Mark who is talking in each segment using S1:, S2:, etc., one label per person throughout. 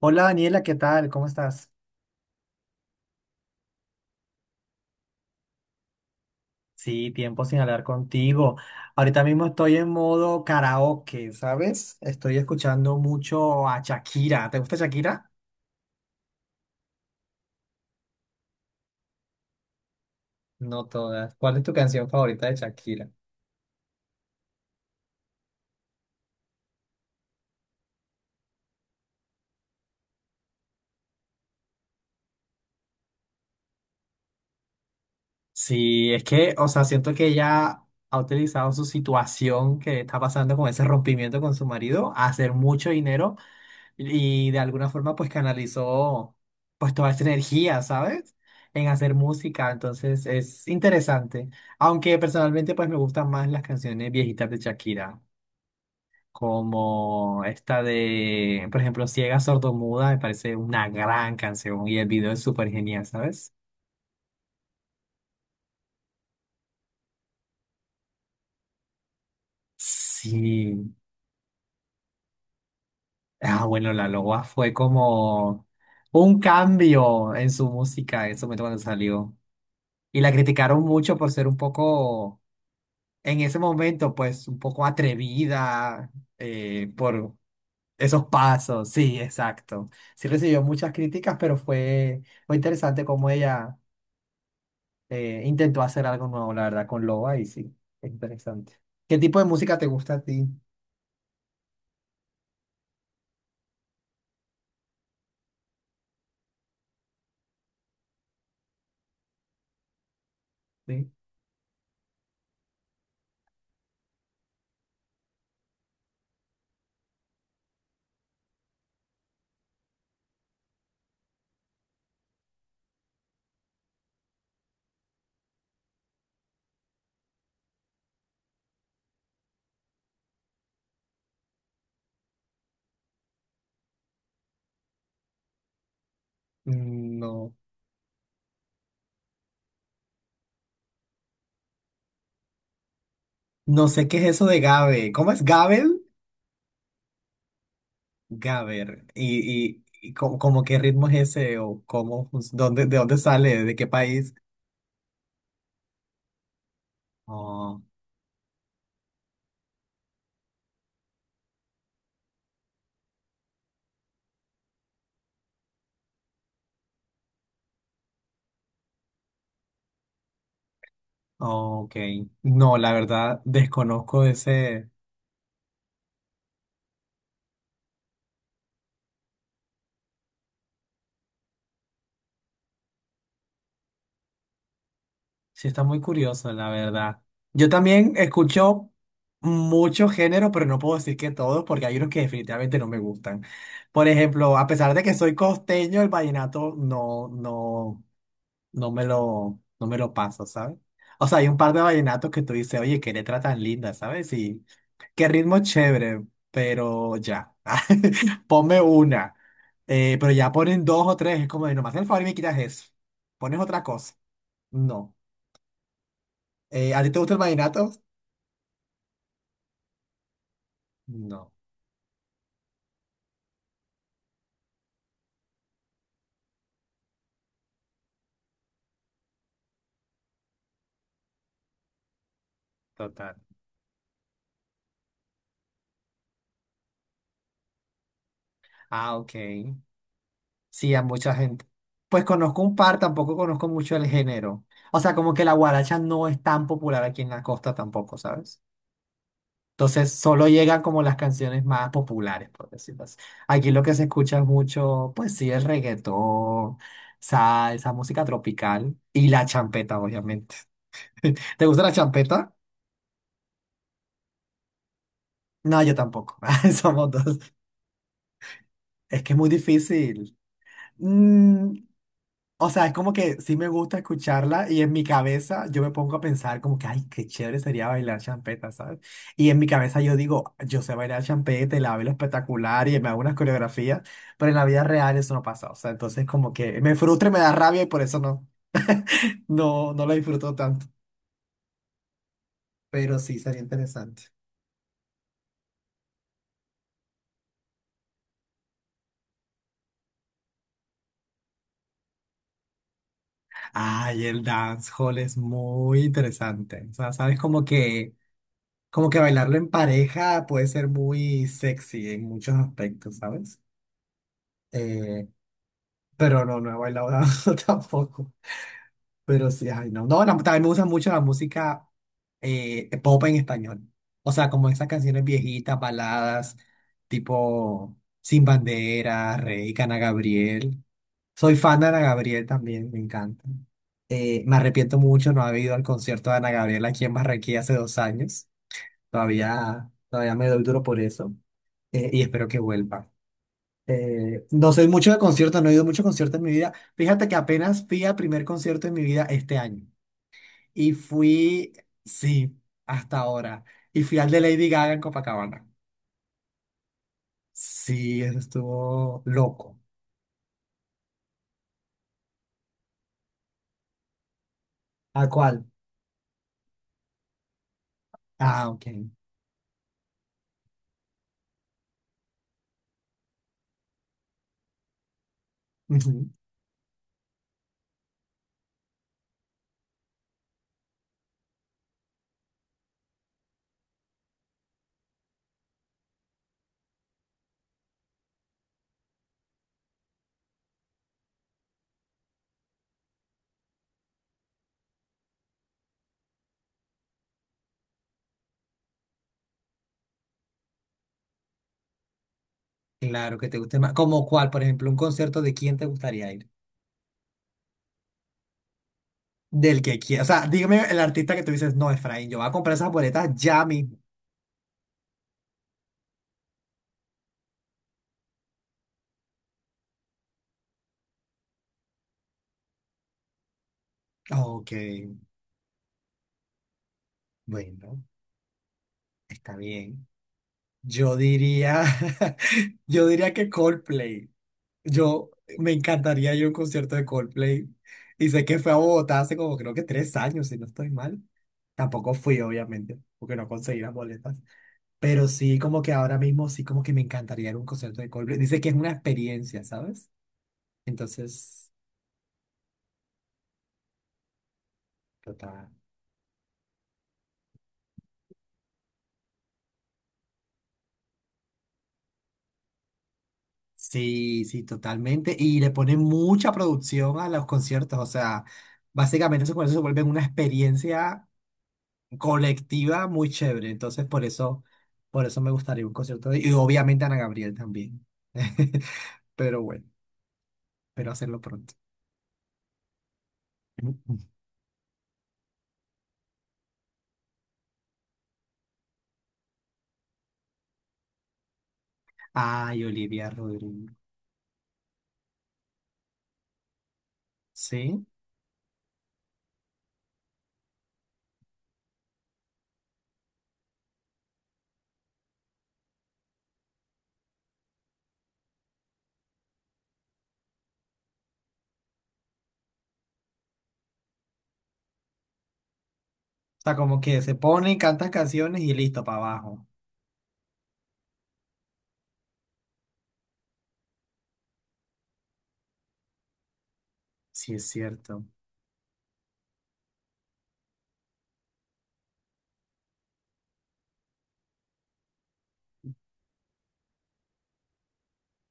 S1: Hola Daniela, ¿qué tal? ¿Cómo estás? Sí, tiempo sin hablar contigo. Ahorita mismo estoy en modo karaoke, ¿sabes? Estoy escuchando mucho a Shakira. ¿Te gusta Shakira? No todas. ¿Cuál es tu canción favorita de Shakira? Sí, es que, o sea, siento que ella ha utilizado su situación que está pasando con ese rompimiento con su marido a hacer mucho dinero y de alguna forma pues canalizó pues toda esa energía, ¿sabes? En hacer música, entonces es interesante. Aunque personalmente pues me gustan más las canciones viejitas de Shakira, como esta de, por ejemplo, Ciega Sordomuda, me parece una gran canción y el video es súper genial, ¿sabes? Sí. Ah, bueno, La Loba fue como un cambio en su música en su momento cuando salió. Y la criticaron mucho por ser un poco en ese momento, pues un poco atrevida, por esos pasos, sí, exacto. Sí recibió muchas críticas, pero fue interesante cómo ella intentó hacer algo nuevo, la verdad, con Loba y sí, es interesante. ¿Qué tipo de música te gusta a ti? Sí. Mm, no, no sé qué es eso de Gabe. ¿Cómo es Gabel? Gaber. Y cómo, cómo qué ritmo es ese o cómo, dónde, de dónde sale, de qué país? Ok. No, la verdad, desconozco ese. Sí, está muy curioso, la verdad. Yo también escucho muchos géneros, pero no puedo decir que todos, porque hay unos que definitivamente no me gustan. Por ejemplo, a pesar de que soy costeño, el vallenato no, no. No me lo paso, ¿sabes? O sea, hay un par de vallenatos que tú dices, oye, qué letra tan linda, ¿sabes? Y qué ritmo chévere, pero ya, ponme una. Pero ya ponen dos o tres, es como, de, no me haces el favor y me quitas eso. Pones otra cosa. No. ¿a ti te gusta el vallenato? No, total. Ah, ok. Sí, a mucha gente. Pues conozco un par, tampoco conozco mucho el género. O sea, como que la guaracha no es tan popular aquí en la costa tampoco, ¿sabes? Entonces solo llegan como las canciones más populares, por decirlo así. Aquí lo que se escucha es mucho, pues sí, el reggaetón, salsa, música tropical y la champeta, obviamente. ¿Te gusta la champeta? No, yo tampoco. Somos dos. Es que es muy difícil. Mm, o sea, es como que sí me gusta escucharla y en mi cabeza yo me pongo a pensar como que, ay, qué chévere sería bailar champeta, ¿sabes? Y en mi cabeza yo digo, yo sé bailar champeta y la bailo espectacular y me hago unas coreografías, pero en la vida real eso no pasa. O sea, entonces como que me frustra y me da rabia y por eso no, no, no lo disfruto tanto. Pero sí, sería interesante. Ay, el dancehall es muy interesante. O sea, sabes como que bailarlo en pareja puede ser muy sexy en muchos aspectos, ¿sabes? Eh, pero no, no he bailado tampoco. Pero sí, ay, no. No, la- también me gusta mucho la música, pop en español. O sea, como esas canciones viejitas, baladas, tipo Sin Bandera, Rey, Ana Gabriel. Soy fan de Ana Gabriel también, me encanta. Me arrepiento mucho no haber ido al concierto de Ana Gabriel aquí en Barranquilla hace 2 años. Todavía, todavía me doy duro por eso. Y espero que vuelva. No soy mucho de conciertos, no he ido mucho a conciertos en mi vida. Fíjate que apenas fui al primer concierto en mi vida este año. Y fui, sí, hasta ahora. Y fui al de Lady Gaga en Copacabana. Sí, eso estuvo loco. ¿A cuál? Ah, ok. Ujú. Claro que te guste más. ¿Como cuál? Por ejemplo, un concierto de quién te gustaría ir. Del que quiera. O sea, dígame el artista que tú dices, no, Efraín, yo voy a comprar esas boletas ya mismo. Ok, bueno, está bien. Yo diría, yo diría que Coldplay. Yo me encantaría ir a un concierto de Coldplay. Y sé que fue a Bogotá hace como creo que 3 años, si no estoy mal. Tampoco fui, obviamente, porque no conseguí las boletas. Pero sí, como que ahora mismo sí, como que me encantaría ir a un concierto de Coldplay. Dice que es una experiencia, ¿sabes? Entonces, total. Sí, sí, totalmente. Y le ponen mucha producción a los conciertos. O sea, básicamente esos conciertos se vuelven una experiencia colectiva muy chévere. Entonces, por eso me gustaría un concierto de, y obviamente Ana Gabriel también. Pero bueno, espero hacerlo pronto. Ay, Olivia Rodrigo. Sí. O sea, como que se pone, cantas canciones y listo, para abajo. Sí, es cierto.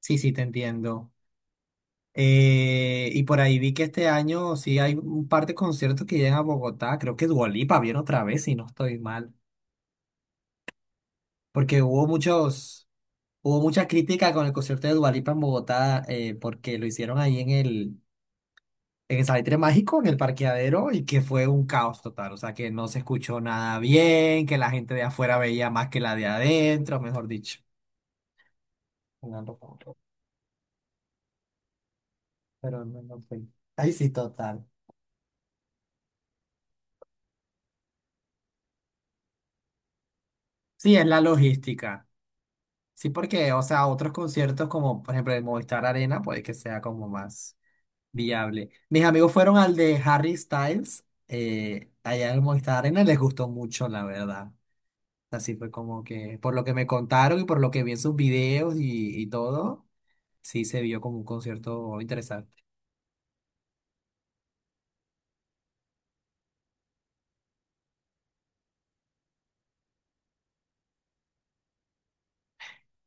S1: Sí, sí, te entiendo. Y por ahí vi que este año sí hay un par de conciertos que llegan a Bogotá. Creo que Dua Lipa viene otra vez, si no estoy mal. Porque hubo muchos. Hubo mucha crítica con el concierto de Dua Lipa en Bogotá, porque lo hicieron ahí en el Salitre Mágico, en el parqueadero, y que fue un caos total. O sea, que no se escuchó nada bien, que la gente de afuera veía más que la de adentro, mejor dicho. Una locura, pero no, no fue. Ahí sí, total. Sí, es la logística. Sí, porque, o sea, otros conciertos como, por ejemplo, el Movistar Arena, puede que sea como más viable. Mis amigos fueron al de Harry Styles, allá en el Movistar Arena, y les gustó mucho, la verdad. Así fue como que, por lo que me contaron y por lo que vi en sus videos y todo, sí se vio como un concierto interesante.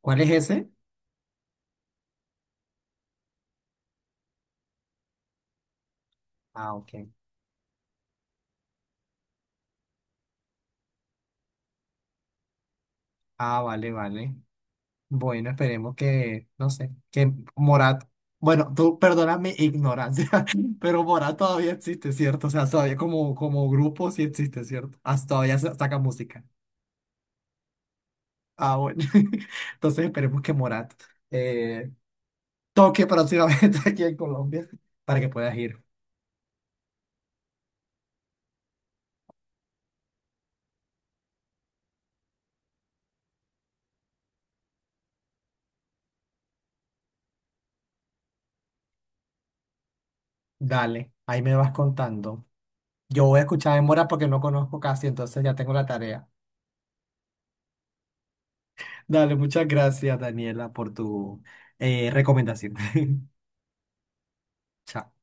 S1: ¿Cuál es ese? Ah, ok. Ah, vale, vale. Bueno, esperemos que, no sé, que Morat, bueno, tú perdona mi ignorancia, pero Morat todavía existe, ¿cierto? O sea, todavía como, como grupo sí existe, ¿cierto? Hasta todavía saca música. Ah, bueno. Entonces esperemos que Morat eh, toque próximamente aquí en Colombia para que puedas ir. Dale, ahí me vas contando. Yo voy a escuchar en mora porque no conozco casi, entonces ya tengo la tarea. Dale, muchas gracias, Daniela, por tu recomendación. Chao.